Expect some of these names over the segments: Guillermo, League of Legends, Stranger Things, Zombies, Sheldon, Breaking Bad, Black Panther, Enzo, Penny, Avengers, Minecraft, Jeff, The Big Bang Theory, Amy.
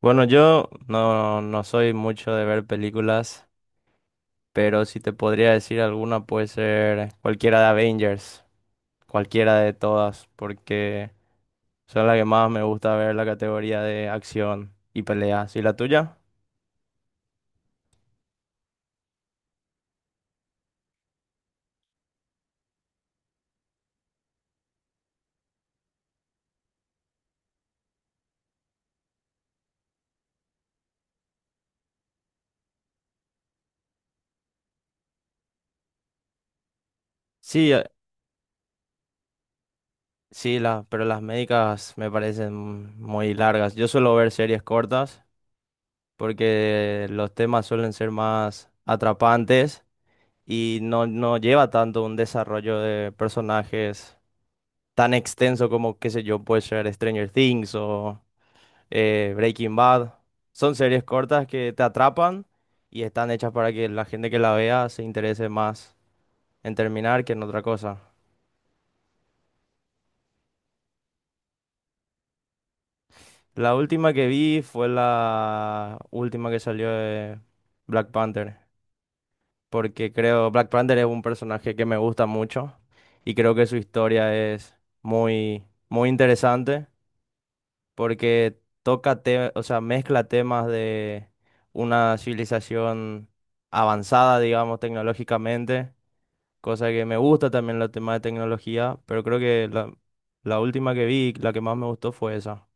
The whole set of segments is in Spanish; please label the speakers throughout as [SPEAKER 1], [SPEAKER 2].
[SPEAKER 1] Bueno, yo no soy mucho de ver películas, pero si te podría decir alguna puede ser cualquiera de Avengers, cualquiera de todas, porque son las que más me gusta ver la categoría de acción y peleas. ¿Y la tuya? Sí, sí, pero las médicas me parecen muy largas. Yo suelo ver series cortas porque los temas suelen ser más atrapantes y no lleva tanto un desarrollo de personajes tan extenso como, qué sé yo, puede ser Stranger Things o Breaking Bad. Son series cortas que te atrapan y están hechas para que la gente que la vea se interese más en terminar que en otra cosa. La última que vi fue la última que salió de Black Panther, porque creo Black Panther es un personaje que me gusta mucho y creo que su historia es muy, muy interesante. Porque o sea, mezcla temas de una civilización avanzada, digamos, tecnológicamente, cosa que me gusta también los temas de tecnología, pero creo que la última que vi, la que más me gustó fue esa.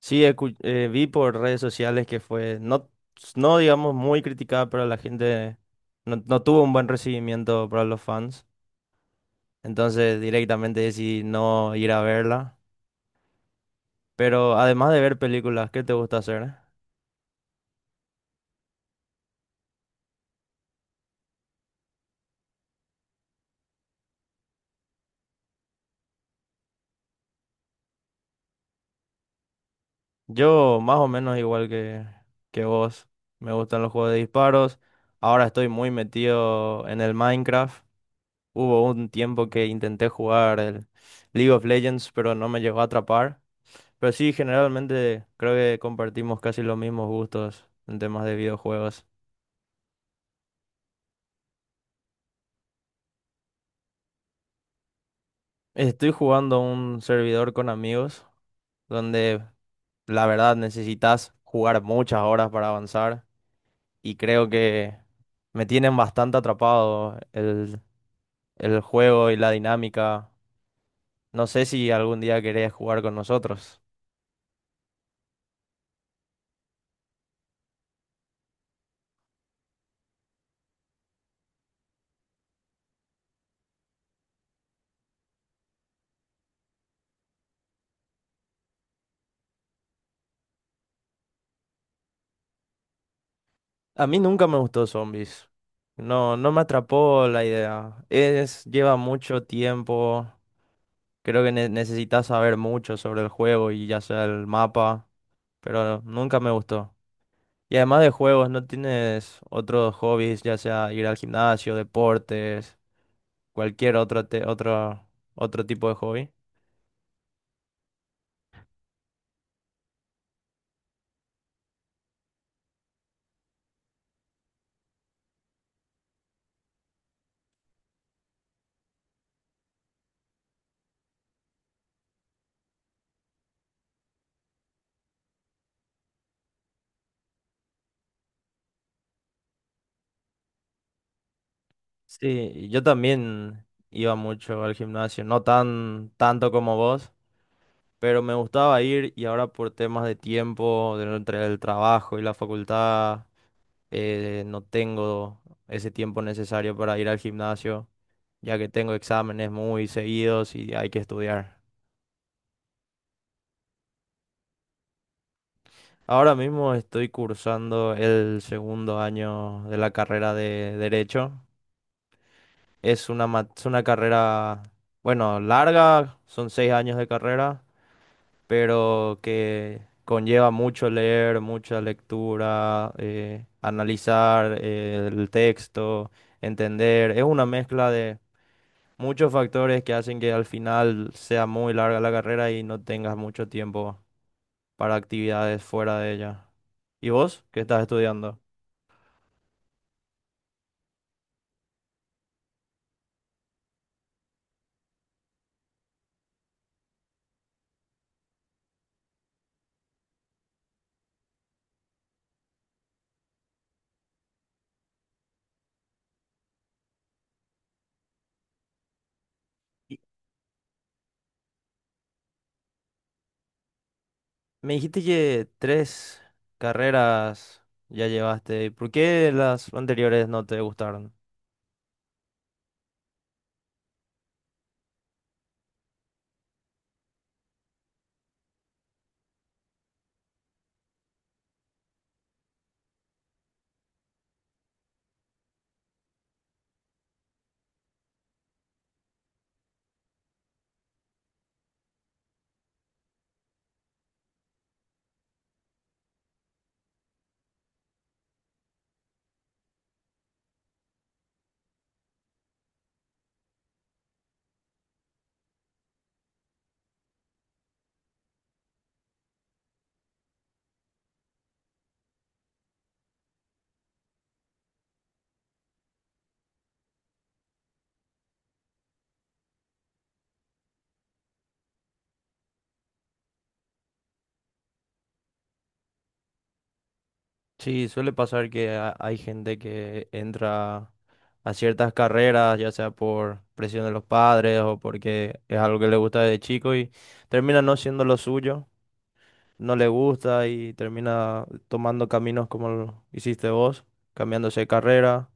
[SPEAKER 1] Sí, vi por redes sociales que fue, no, no digamos, muy criticada, pero la gente no tuvo un buen recibimiento para los fans. Entonces directamente decidí no ir a verla. Pero además de ver películas, ¿qué te gusta hacer? Yo más o menos igual que vos, me gustan los juegos de disparos. Ahora estoy muy metido en el Minecraft. Hubo un tiempo que intenté jugar el League of Legends, pero no me llegó a atrapar. Pero sí, generalmente creo que compartimos casi los mismos gustos en temas de videojuegos. Estoy jugando un servidor con amigos, donde la verdad necesitas jugar muchas horas para avanzar y creo que me tienen bastante atrapado el juego y la dinámica. No sé si algún día querés jugar con nosotros. A mí nunca me gustó Zombies. No, no me atrapó la idea. Es, lleva mucho tiempo. Creo que necesitas saber mucho sobre el juego y ya sea el mapa, pero nunca me gustó. Y además de juegos, ¿no tienes otros hobbies, ya sea ir al gimnasio, deportes, cualquier otro, otro tipo de hobby? Sí, yo también iba mucho al gimnasio, no tanto como vos, pero me gustaba ir y ahora por temas de tiempo, entre el trabajo y la facultad, no tengo ese tiempo necesario para ir al gimnasio, ya que tengo exámenes muy seguidos y hay que estudiar. Ahora mismo estoy cursando el segundo año de la carrera de Derecho. Es es una carrera, bueno, larga, son 6 años de carrera, pero que conlleva mucho leer, mucha lectura, analizar el texto, entender. Es una mezcla de muchos factores que hacen que al final sea muy larga la carrera y no tengas mucho tiempo para actividades fuera de ella. ¿Y vos qué estás estudiando? Y me dijiste que tres carreras ya llevaste. ¿Por qué las anteriores no te gustaron? Sí, suele pasar que hay gente que entra a ciertas carreras, ya sea por presión de los padres o porque es algo que le gusta desde chico y termina no siendo lo suyo, no le gusta y termina tomando caminos como lo hiciste vos, cambiándose de carrera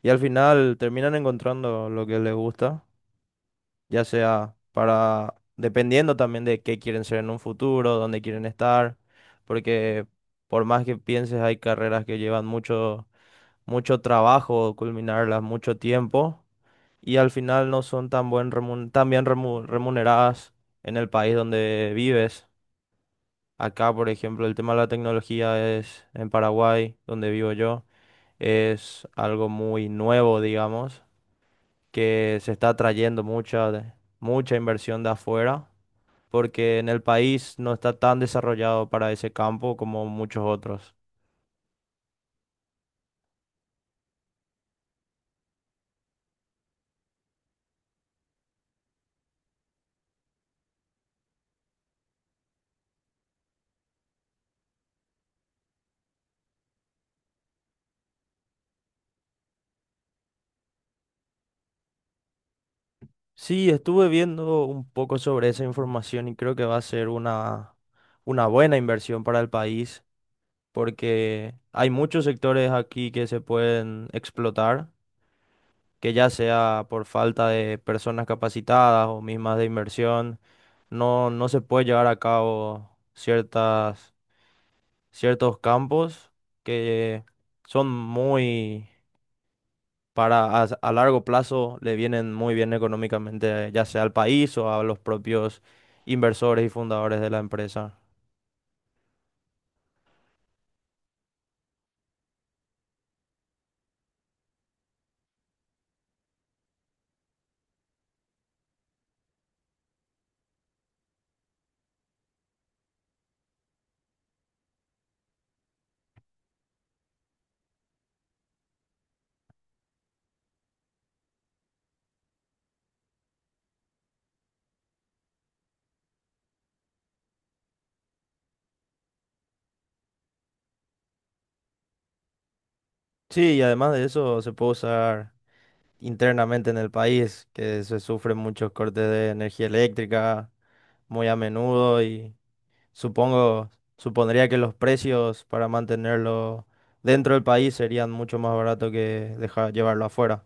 [SPEAKER 1] y al final terminan encontrando lo que les gusta, ya sea para, dependiendo también de qué quieren ser en un futuro, dónde quieren estar, porque por más que pienses hay carreras que llevan mucho mucho trabajo culminarlas, mucho tiempo y al final no son tan, tan bien remuneradas en el país donde vives. Acá, por ejemplo, el tema de la tecnología es en Paraguay, donde vivo yo, es algo muy nuevo, digamos, que se está trayendo mucha inversión de afuera, porque en el país no está tan desarrollado para ese campo como muchos otros. Sí, estuve viendo un poco sobre esa información y creo que va a ser una buena inversión para el país porque hay muchos sectores aquí que se pueden explotar, que ya sea por falta de personas capacitadas o mismas de inversión, no se puede llevar a cabo ciertos campos que son muy, para a largo plazo le vienen muy bien económicamente, ya sea al país o a los propios inversores y fundadores de la empresa. Sí, y además de eso se puede usar internamente en el país, que se sufren muchos cortes de energía eléctrica muy a menudo y supongo, supondría que los precios para mantenerlo dentro del país serían mucho más baratos que dejar llevarlo afuera.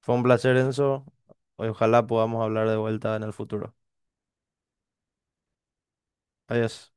[SPEAKER 1] Fue un placer, Enzo. Ojalá podamos hablar de vuelta en el futuro. Adiós.